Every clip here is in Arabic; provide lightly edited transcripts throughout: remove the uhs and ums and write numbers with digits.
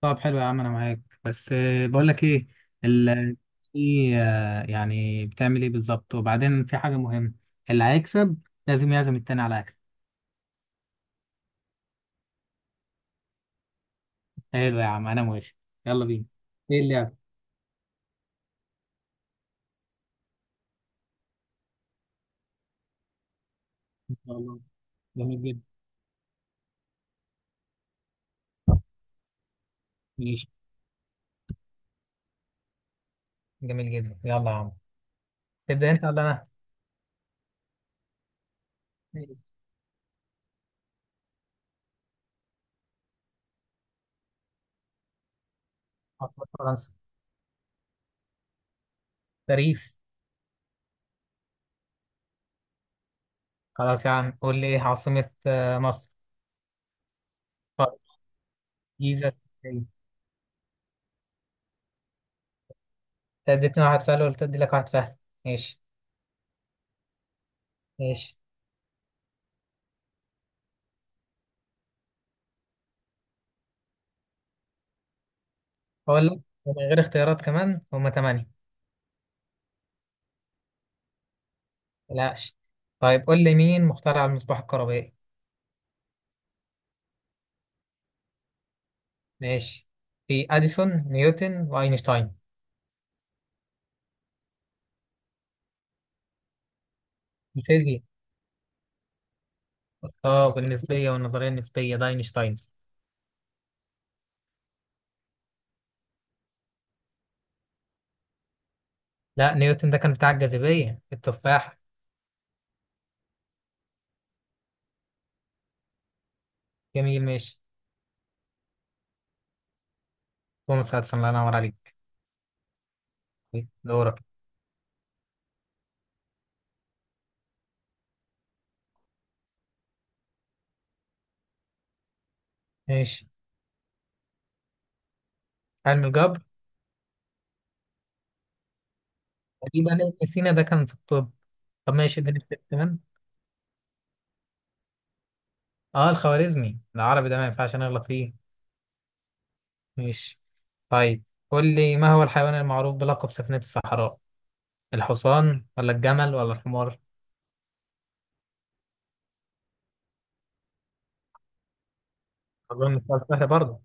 طب حلو يا عم، انا معاك، بس بقول لك ايه؟ ال في يعني بتعمل ايه بالظبط، وبعدين في حاجه مهمه. اللي هيكسب لازم يعزم التاني على اكل. حلو يا عم، انا موافق. يلا بينا. ايه اللعبه؟ ان شاء الله. جميل جدا. ماشي. جميل جدا، يلا يا عم. تبدا انت ولا انا؟ ماشي. عاصمة فرنسا؟ باريس. خلاص يا عم، قول لي، ايه عاصمه مصر؟ طب. جيزه، إسكندرية. انت اديتني واحد سؤال وقلت ادي لك واحد، فهد. ماشي. ماشي. اقول لك، ومن غير اختيارات كمان، هما ثمانيه. متقلقش. طيب قول لي، مين مخترع المصباح الكهربائي؟ ماشي. في اديسون، نيوتن، واينشتاين. الفيزياء. اه، بالنسبيه والنظريه النسبيه ده اينشتاين. لا، نيوتن ده كان بتاع الجاذبيه، التفاح. جميل، ماشي. توماس اديسون، الله ينور عليك. طيب، دورك. ماشي. علم الجبر؟ تقريبا ابن سينا ده كان في الطب. طب ماشي، اديني اختيار كمان. اه، الخوارزمي العربي ده ما ينفعش نغلط فيه. ماشي. طيب قول لي، ما هو الحيوان المعروف بلقب سفينة الصحراء؟ الحصان ولا الجمل ولا الحمار؟ اظن السؤال سهل برضه.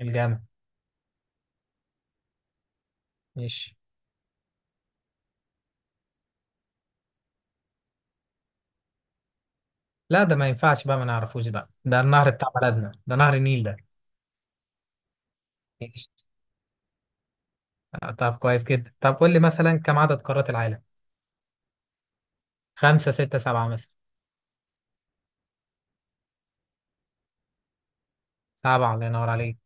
الجمل. ماشي. لا، ده ما ينفعش بقى ما نعرفوش بقى، ده النهر بتاع بلدنا، ده نهر النيل ده. ماشي. طب كويس جدا، طب قول لي مثلا، كم عدد قارات العالم؟ خمسة، ستة، سبعة مثلا؟ سبعة، الله ينور عليك.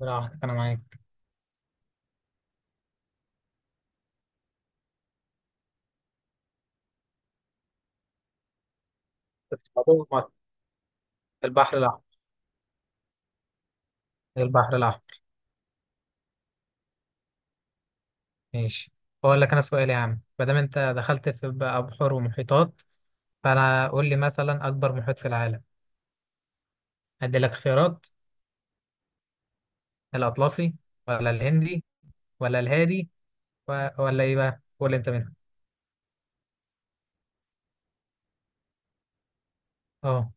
لا واحد، انا معاك. بس الموضوع مهم. البحر الاحمر. البحر الاحمر. ماشي. اقول لك انا سؤال يا عم، ما دام انت دخلت في بقى بحور ومحيطات، فانا قول لي مثلا، اكبر محيط في العالم؟ هدي لك خيارات. الاطلسي، ولا الهندي، ولا الهادي، ولا ايه بقى؟ قول انت منها. اه،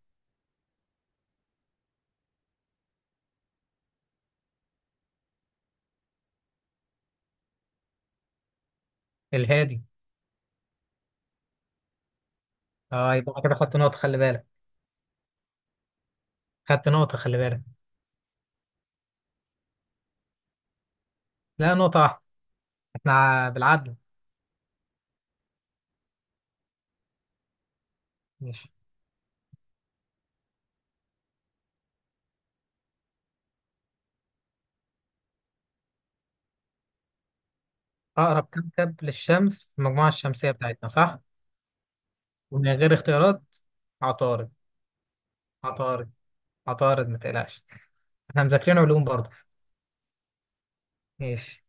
الهادي. اه يبقى أنا كده خدت نقطة، خلي بالك. خدت نقطة، خلي بالك. لا، نقطة واحدة. احنا بالعدل. ماشي. أقرب كوكب للشمس في المجموعة الشمسية بتاعتنا، صح؟ ومن غير اختيارات. عطارد. عطارد. عطارد، ما تقلقش. احنا مذاكرين علوم برضه. ماشي.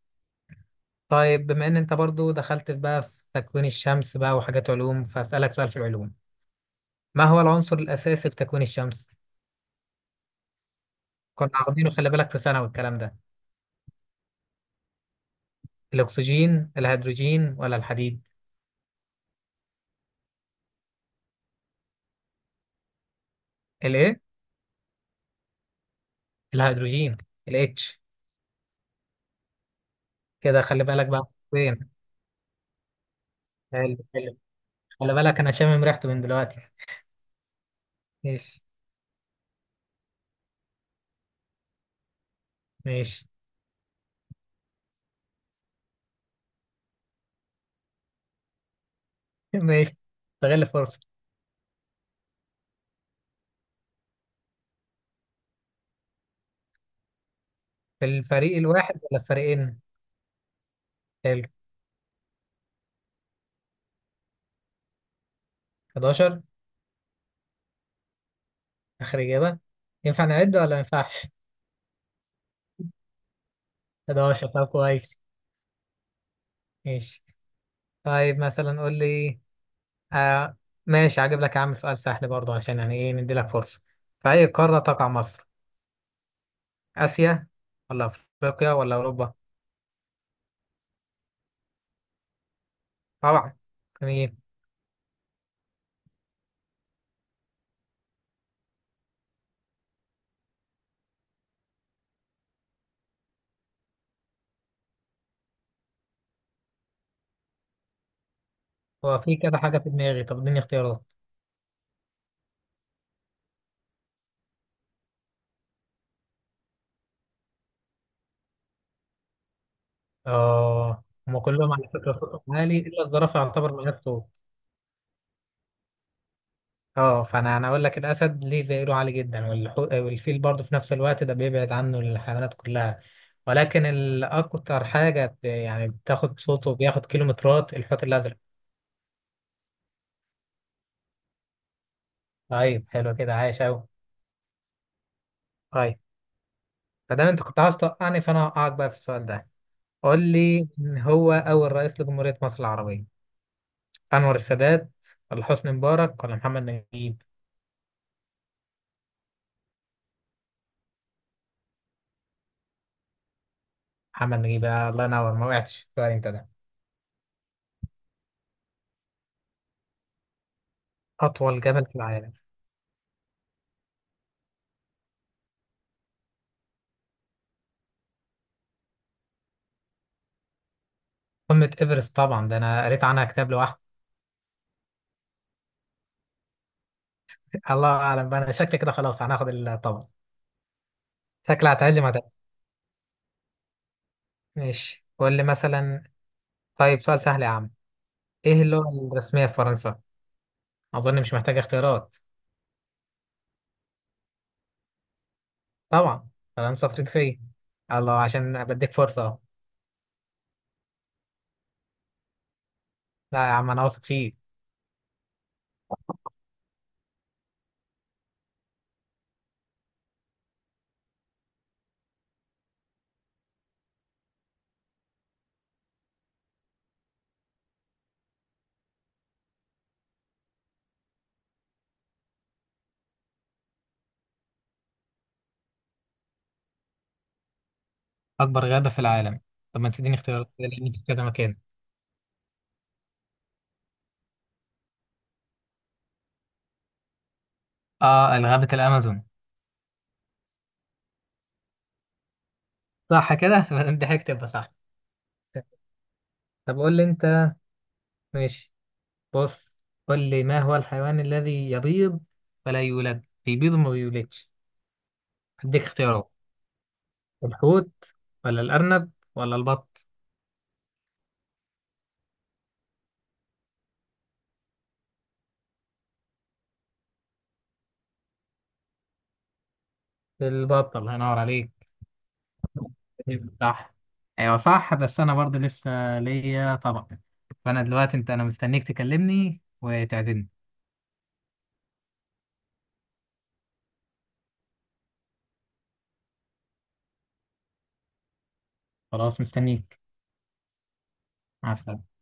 طيب بما ان انت برضه دخلت بقى في تكوين الشمس بقى وحاجات علوم، فأسألك سؤال في العلوم. ما هو العنصر الأساسي في تكوين الشمس؟ كنا واخدينه، خلي بالك، في ثانوي الكلام ده. الاكسجين، الهيدروجين، ولا الحديد؟ الايه؟ الهيدروجين. الاتش. كده خلي بالك بقى فين. حلو. حلو. خلي بالك، انا شامم ريحته من دلوقتي. ماشي. ماشي. ماشي. استغل الفرصه. في الفريق الواحد ولا الفريقين؟ حلو. 11. اخر اجابه. ينفع نعد ولا ما ينفعش؟ 11. طب كويس. ماشي. طيب مثلا قول لي. آه ماشي، هجيب لك يا عم سؤال سهل برضه، عشان يعني ايه ندي لك فرصه. في اي قاره تقع مصر؟ اسيا، ولا افريقيا، ولا اوروبا؟ طبعا. تمام. هو في كذا حاجة في دماغي، طب اديني اختيارات. اه، هما كلهم على فكرة صوتهم عالي إلا الزرافة، يعتبر من غير صوت. اه، فأنا أقول لك، الأسد ليه زئيره عالي جدا، والفيل برضه في نفس الوقت ده بيبعد عنه الحيوانات كلها. ولكن الأكتر حاجة، يعني بتاخد صوته، بياخد كيلومترات، الحوت الأزرق. طيب حلو كده، عايش أوي. طيب. فدام أنت كنت عاوز توقعني، فأنا هوقعك بقى في السؤال ده. قول لي، من هو أول رئيس لجمهورية مصر العربية؟ أنور السادات، ولا حسني مبارك، ولا محمد نجيب؟ محمد نجيب. الله ينور، ما وقعتش سؤال أنت ده. أطول جبل في العالم؟ قمة إيفرست طبعا، ده أنا قريت عنها كتاب لوحدي. الله أعلم بقى، أنا شكلي كده خلاص هناخد الطبعا. شكلي هتعزم، هتعزم. ماشي، قول لي مثلا. طيب سؤال سهل يا عم. إيه اللغة الرسمية في فرنسا؟ أظن مش محتاج اختيارات. طبعا. فرنسا فرنسية. الله، عشان بديك فرصة أهو. لا يا عم، أنا واثق فيه. أكبر غابة في العالم؟ طب ما تديني اختيارات، لأن في كذا مكان. غابة الأمازون. صح كده. دي حاجة تبقى صح. طب قول لي انت. ماشي. بص. قول لي، ما هو الحيوان الذي يبيض ولا يولد، بيبيض وما بيولدش؟ هديك اختيارات. الحوت، ولا الأرنب، ولا البط؟ البط، الله ينور عليك. صح. ايوه صح، بس انا برضه لسه ليا طبق. فانا دلوقتي انا مستنيك تكلمني وتعزمني. خلاص، مستنيك. مع السلامة.